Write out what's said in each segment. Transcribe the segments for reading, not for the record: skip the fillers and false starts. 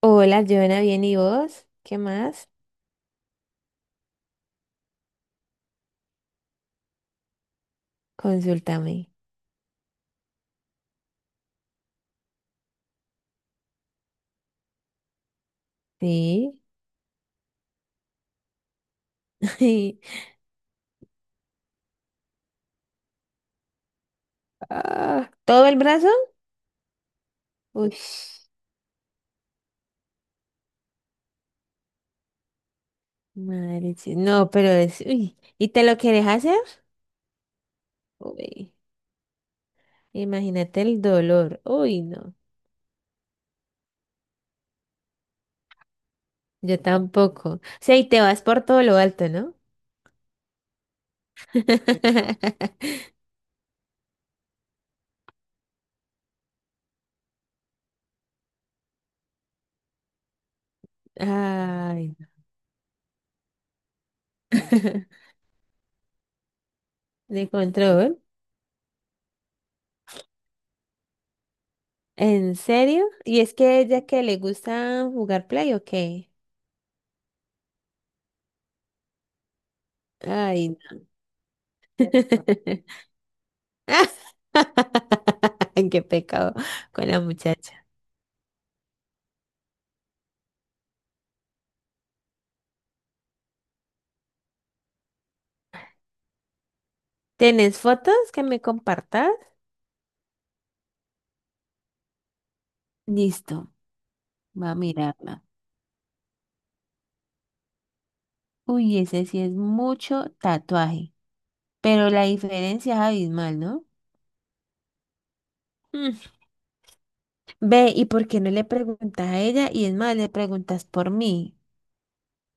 Hola, Joana, bien, ¿y vos? ¿Qué más? Consúltame. Sí. Ah, ¿todo el brazo? Uy, madre. Sí. No, pero es. Uy. ¿Y te lo querés hacer? Uy, imagínate el dolor. Uy, no. Yo tampoco. O sea, y te vas por todo lo alto, ¿no? Ay, no. De control. ¿En serio? ¿Y es que ella que le gusta jugar play o qué? Ay, no. Qué pecado con la muchacha. ¿Tienes fotos que me compartas? Listo, va a mirarla. Uy, ese sí es mucho tatuaje, pero la diferencia es abismal, ¿no? Mm. Ve, ¿y por qué no le preguntas a ella? Y es más, le preguntas por mí.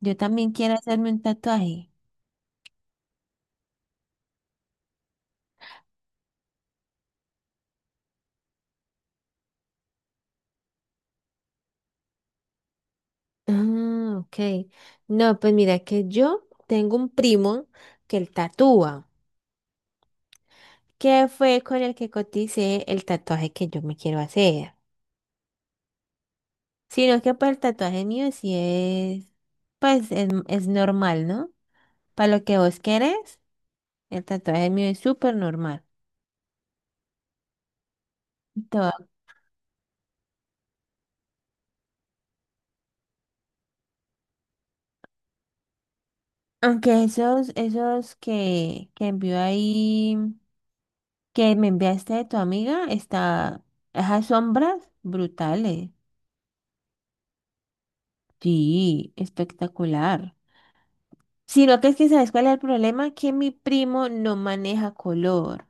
Yo también quiero hacerme un tatuaje. Ah, ok. No, pues mira que yo tengo un primo que él tatúa, que fue con el que coticé el tatuaje que yo me quiero hacer. Sino es que pues el tatuaje mío sí es, pues es normal, ¿no? Para lo que vos querés, el tatuaje mío es súper normal. Todo- Aunque esos, esos que envió ahí, que me enviaste de tu amiga, está, esas sombras brutales. Sí, espectacular. Sino que es que, ¿sabes cuál es el problema? Que mi primo no maneja color.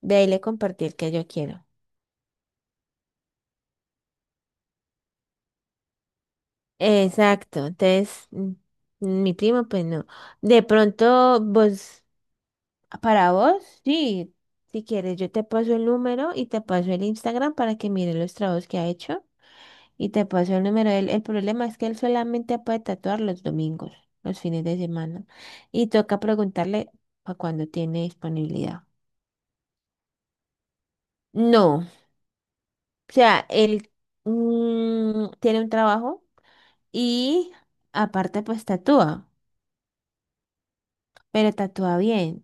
De ahí le compartí el que yo quiero. Exacto, entonces mi primo pues no. De pronto vos, para vos, sí, si quieres yo te paso el número y te paso el Instagram para que mires los trabajos que ha hecho y te paso el número. El problema es que él solamente puede tatuar los domingos, los fines de semana y toca preguntarle para cuándo tiene disponibilidad. No, o sea, él tiene un trabajo y aparte pues tatúa, pero tatúa bien.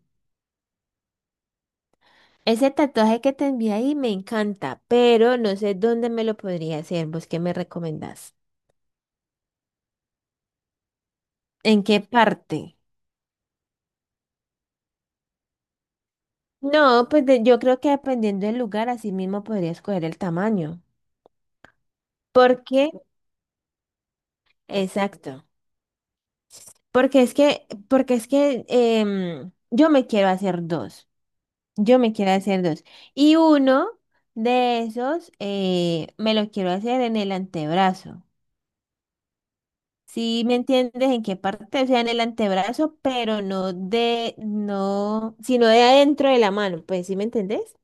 Ese tatuaje que te envié ahí me encanta, pero no sé dónde me lo podría hacer. ¿Vos qué me recomendás? ¿En qué parte? No, pues yo creo que dependiendo del lugar, así mismo podría escoger el tamaño. Porque, exacto. Porque es que yo me quiero hacer dos. Yo me quiero hacer dos. Y uno de esos me lo quiero hacer en el antebrazo. Sí, ¿me entiendes en qué parte? O sea, en el antebrazo, pero no de, no, sino de adentro de la mano, pues, ¿sí me entendés?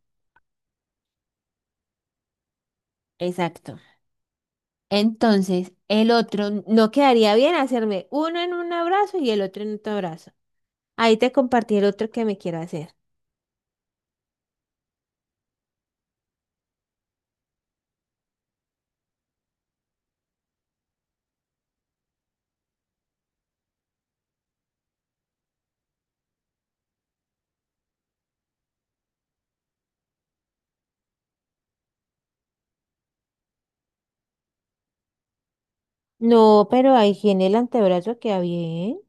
Exacto. Entonces, el otro no quedaría bien hacerme uno en un abrazo y el otro en otro brazo. Ahí te compartí el otro que me quiero hacer. No, pero ahí en el antebrazo queda bien.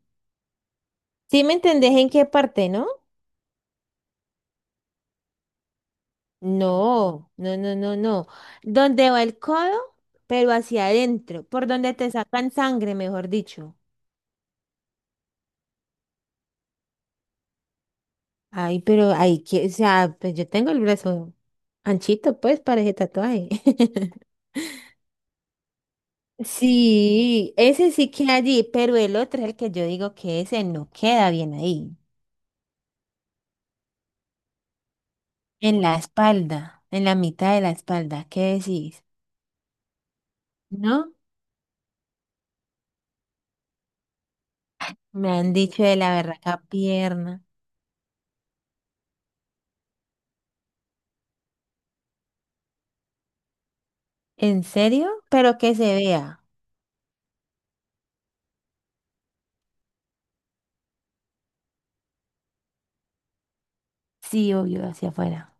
¿Sí me entendés en qué parte, no? No, no, no, no, no. ¿Dónde va el codo? Pero hacia adentro, por donde te sacan sangre, mejor dicho. Ay, pero ahí, o sea, pues yo tengo el brazo anchito, pues, para ese tatuaje. Sí, ese sí queda allí, pero el otro es el que yo digo que ese no queda bien ahí, en la espalda, en la mitad de la espalda. ¿Qué decís? ¿No? Me han dicho de la berraca pierna. ¿En serio? Pero que se vea. Sí, obvio, hacia afuera.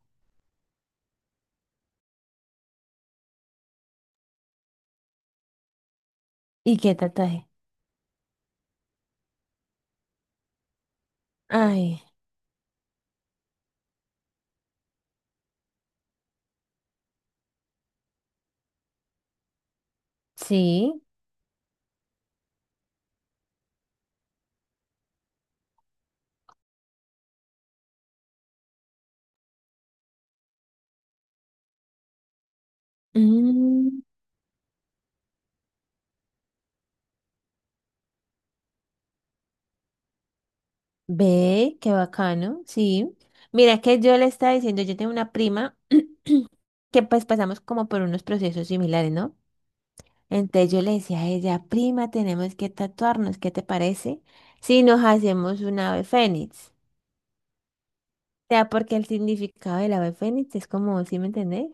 ¿Y qué tatuaje? Ay, sí. Mm. Ve, qué bacano, sí. Mira que yo le estaba diciendo, yo tengo una prima que pues pasamos como por unos procesos similares, ¿no? Entonces yo le decía a ella, prima, tenemos que tatuarnos, ¿qué te parece? Si nos hacemos un ave fénix. O sea, porque el significado del ave fénix es como, ¿sí me entendés?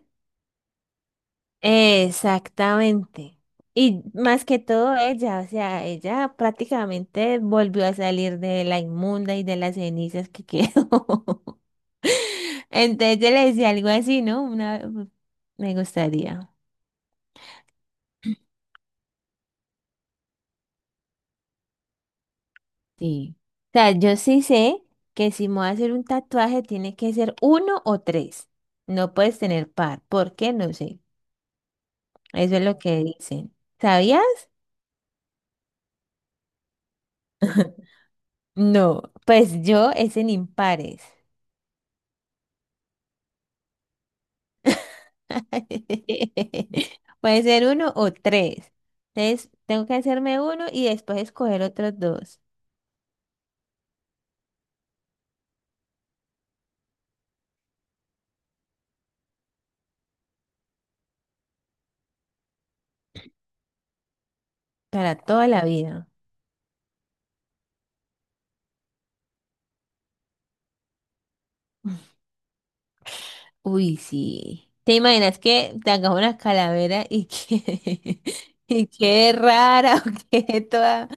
Exactamente. Y más que todo ella, o sea, ella prácticamente volvió a salir de la inmunda y de las cenizas que quedó. Entonces yo le decía algo así, ¿no? Una, me gustaría. Sí. O sea, yo sí sé que si me voy a hacer un tatuaje tiene que ser uno o tres. No puedes tener par. ¿Por qué? No sé. Eso es lo que dicen. ¿Sabías? No. Pues yo es en impares. Puede ser uno o tres. Entonces, tengo que hacerme uno y después escoger otros dos para toda la vida. Uy, sí. ¿Te imaginas que te hagas una calavera y que y quede rara o quede toda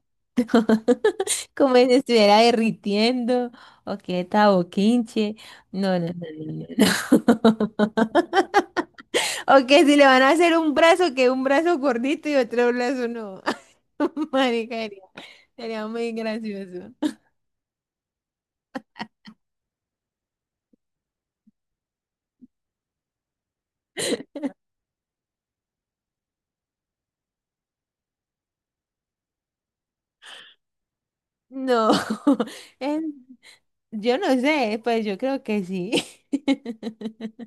como si se estuviera derritiendo o quede toda boquinche? No, no, no, no, no. No. O que si le van a hacer un brazo, que un brazo gordito y otro brazo no. Marica, sería muy gracioso. No, es- yo no sé, pues yo creo que sí.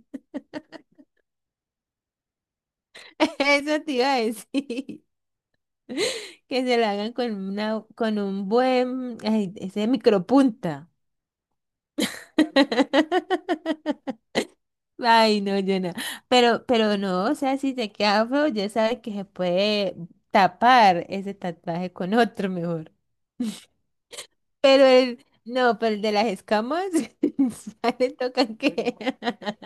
Eso te iba a decir, que se la hagan con una, con un buen, ay, ese micropunta. Ay, no, yo no. Pero no, o sea, si te queda feo, ya sabes que se puede tapar ese tatuaje con otro mejor. Pero el, no, pero el de las escamas, a le toca que.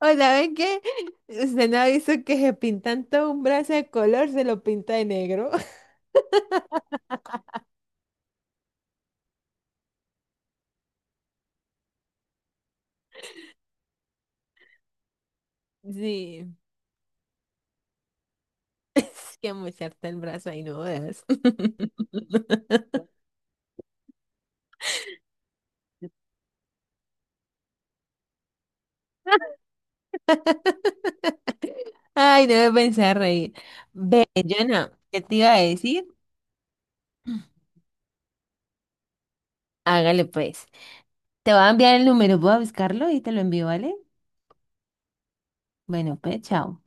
O ¿saben qué? Usted no ha visto que se pintan todo un brazo de color, se lo pinta de negro. Sí, es que mocharte el brazo ahí no veas. Ay, no me pensé a reír. Ve, Jonah, ¿qué te iba a decir? Hágale pues. Te voy a enviar el número, voy a buscarlo y te lo envío, ¿vale? Bueno, pues, chao.